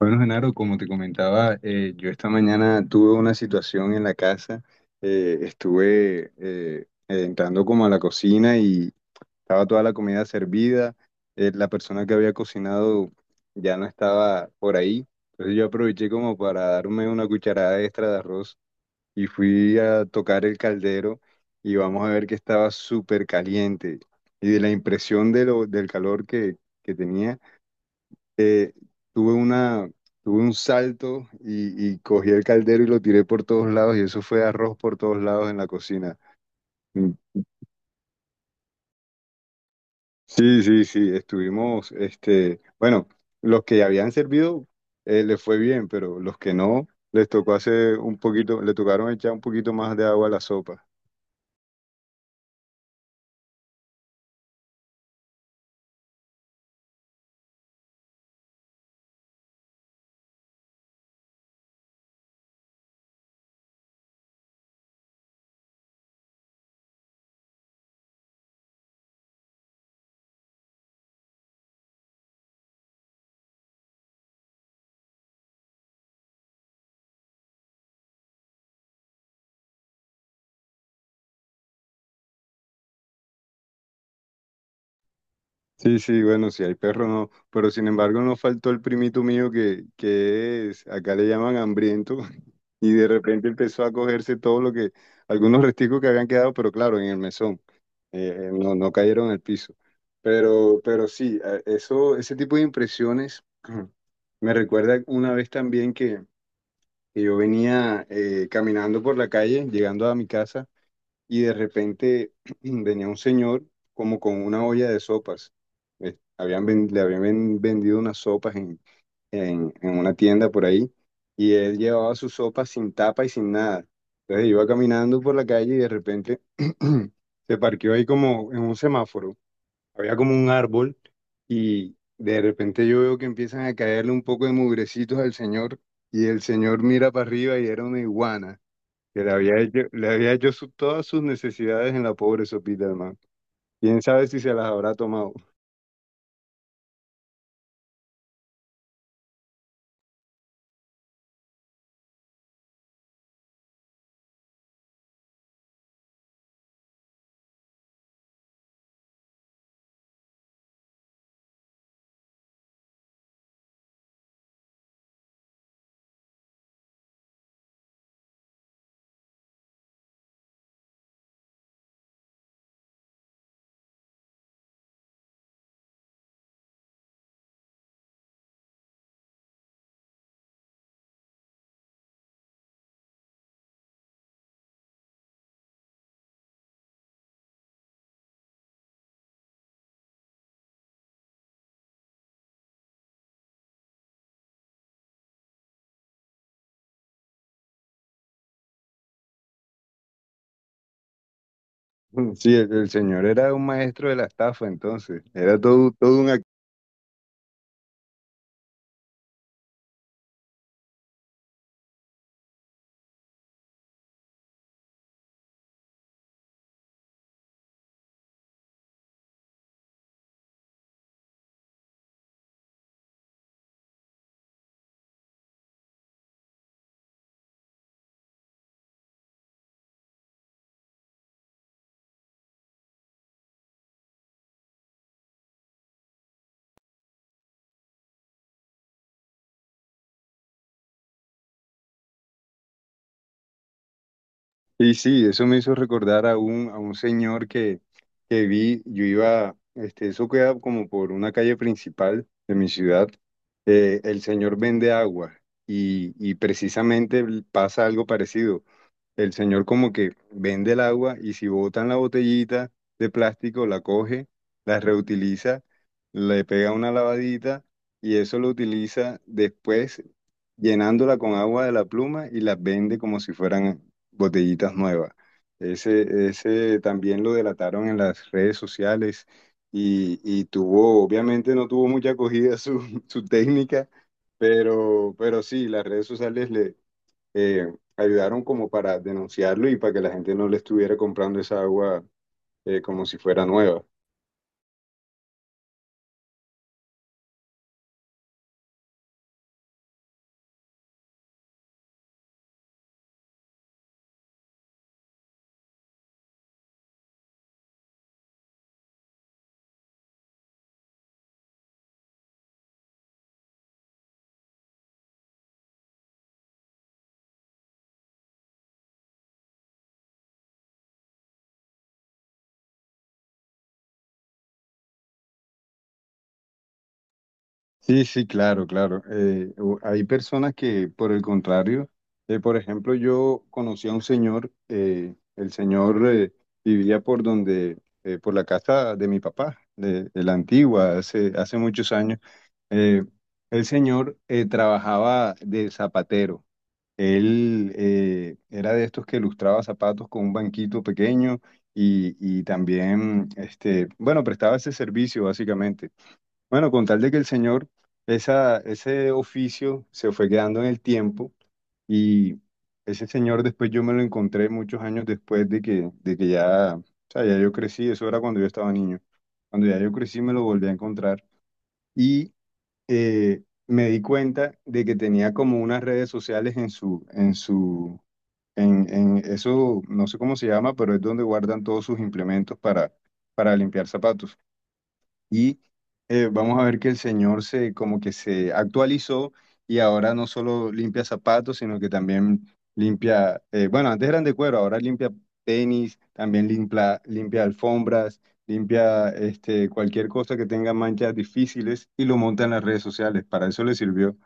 Bueno, Genaro, como te comentaba, yo esta mañana tuve una situación en la casa. Estuve entrando como a la cocina y estaba toda la comida servida. La persona que había cocinado ya no estaba por ahí. Entonces yo aproveché como para darme una cucharada extra de arroz y fui a tocar el caldero y vamos a ver que estaba súper caliente. Y de la impresión del calor que tenía eh, tuve una, tuve un salto y cogí el caldero y lo tiré por todos lados y eso fue arroz por todos lados en la cocina. Mm. Sí, sí, sí, estuvimos, este, bueno, los que habían servido les fue bien, pero los que no, les tocó hacer un poquito, le tocaron echar un poquito más de agua a la sopa. Sí, sí, bueno, si hay perro no, pero sin embargo no faltó el primito mío que es, acá le llaman hambriento, y de repente empezó a cogerse todo lo que, algunos resticos que habían quedado, pero claro, en el mesón, no cayeron al piso. Pero sí, ese tipo de impresiones me recuerda una vez también que yo venía caminando por la calle, llegando a mi casa y de repente venía un señor como con una olla de sopas. Le habían vendido unas sopas en, en una tienda por ahí y él llevaba sus sopas sin tapa y sin nada. Entonces iba caminando por la calle y de repente se parqueó ahí como en un semáforo. Había como un árbol y de repente yo veo que empiezan a caerle un poco de mugrecitos al señor y el señor mira para arriba y era una iguana que le había hecho todas sus necesidades en la pobre sopita, hermano. ¿Quién sabe si se las habrá tomado? Sí, el señor era un maestro de la estafa, entonces. Era todo, todo un... Y sí, eso me hizo recordar a un señor que vi, yo iba, este, eso queda como por una calle principal de mi ciudad. El señor vende agua y precisamente pasa algo parecido. El señor como que vende el agua y si botan la botellita de plástico, la coge, la reutiliza, le pega una lavadita y eso lo utiliza después llenándola con agua de la pluma y las vende como si fueran botellitas nuevas. Ese también lo delataron en las redes sociales y tuvo, obviamente no tuvo mucha acogida su, su técnica, pero sí, las redes sociales eh, ayudaron como para denunciarlo y para que la gente no le estuviera comprando esa agua como si fuera nueva. Sí, sí, claro, claro. Hay personas que, por el contrario, por ejemplo, yo conocí a un señor, el señor vivía por donde, por la casa de mi papá, de la antigua, hace, hace muchos años. Eh, el señor trabajaba de zapatero. Él era de estos que lustraba zapatos con un banquito pequeño y también, este, bueno, prestaba ese servicio básicamente. Bueno, con tal de que el señor, esa, ese oficio se fue quedando en el tiempo y ese señor después yo me lo encontré muchos años después de que ya, o sea, ya yo crecí, eso era cuando yo estaba niño. Cuando ya yo crecí me lo volví a encontrar y eh, me di cuenta de que tenía como unas redes sociales en su, en su, en eso, no sé cómo se llama, pero es donde guardan todos sus implementos para limpiar zapatos. Y vamos a ver que el Señor se como que se actualizó y ahora no solo limpia zapatos, sino que también limpia, bueno, antes eran de cuero, ahora limpia tenis, también limpia, limpia alfombras, limpia este, cualquier cosa que tenga manchas difíciles y lo monta en las redes sociales. Para eso le sirvió.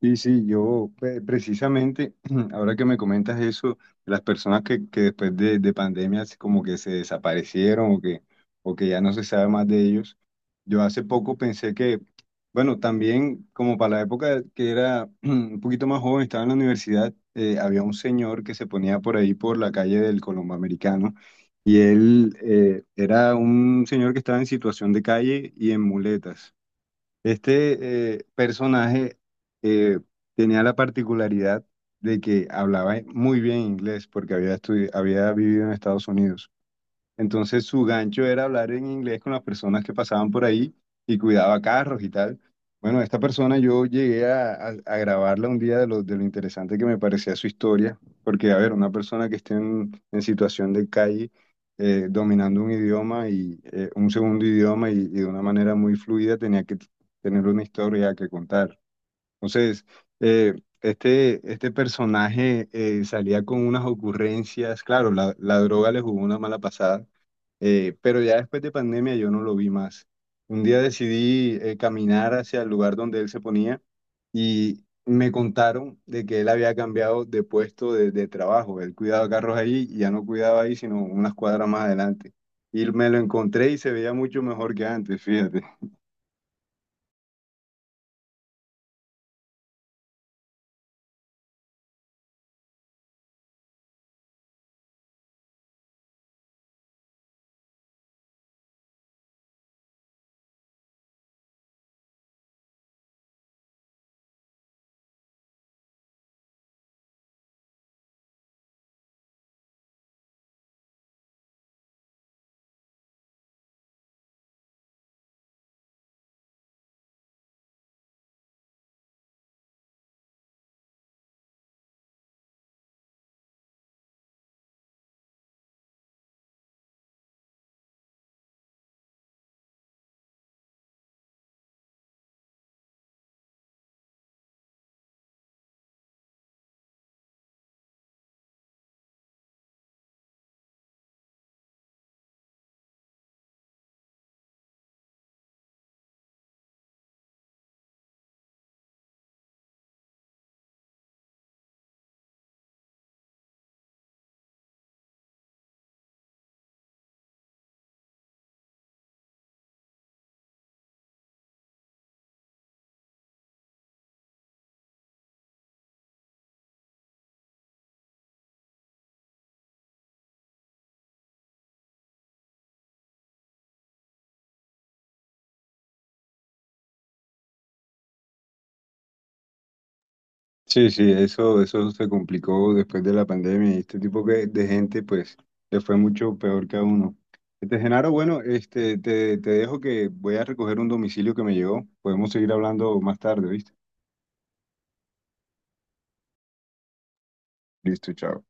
Sí, sí, yo precisamente, ahora que me comentas eso, las personas que después de pandemia así como que se desaparecieron o que ya no se sabe más de ellos, yo hace poco pensé que, bueno, también como para la época que era un poquito más joven, estaba en la universidad, había un señor que se ponía por ahí por la calle del Colombo Americano y él era un señor que estaba en situación de calle y en muletas. Este personaje eh, tenía la particularidad de que hablaba muy bien inglés porque había vivido en Estados Unidos. Entonces su gancho era hablar en inglés con las personas que pasaban por ahí y cuidaba carros y tal. Bueno, esta persona yo llegué a grabarla un día de lo interesante que me parecía su historia, porque a ver, una persona que esté en situación de calle dominando un idioma y un segundo idioma y de una manera muy fluida tenía que tener una historia que contar. Entonces, eh, este personaje salía con unas ocurrencias, claro, la droga le jugó una mala pasada pero ya después de pandemia yo no lo vi más. Un día decidí caminar hacia el lugar donde él se ponía y me contaron de que él había cambiado de puesto de trabajo. Él cuidaba carros ahí y ya no cuidaba ahí, sino unas cuadras más adelante. Y me lo encontré y se veía mucho mejor que antes, fíjate. Sí, sí, eso se complicó después de la pandemia y este tipo de gente, pues, le fue mucho peor que a uno. Este, Genaro, bueno, este, te dejo que voy a recoger un domicilio que me llegó. Podemos seguir hablando más tarde, ¿viste? Listo, chao.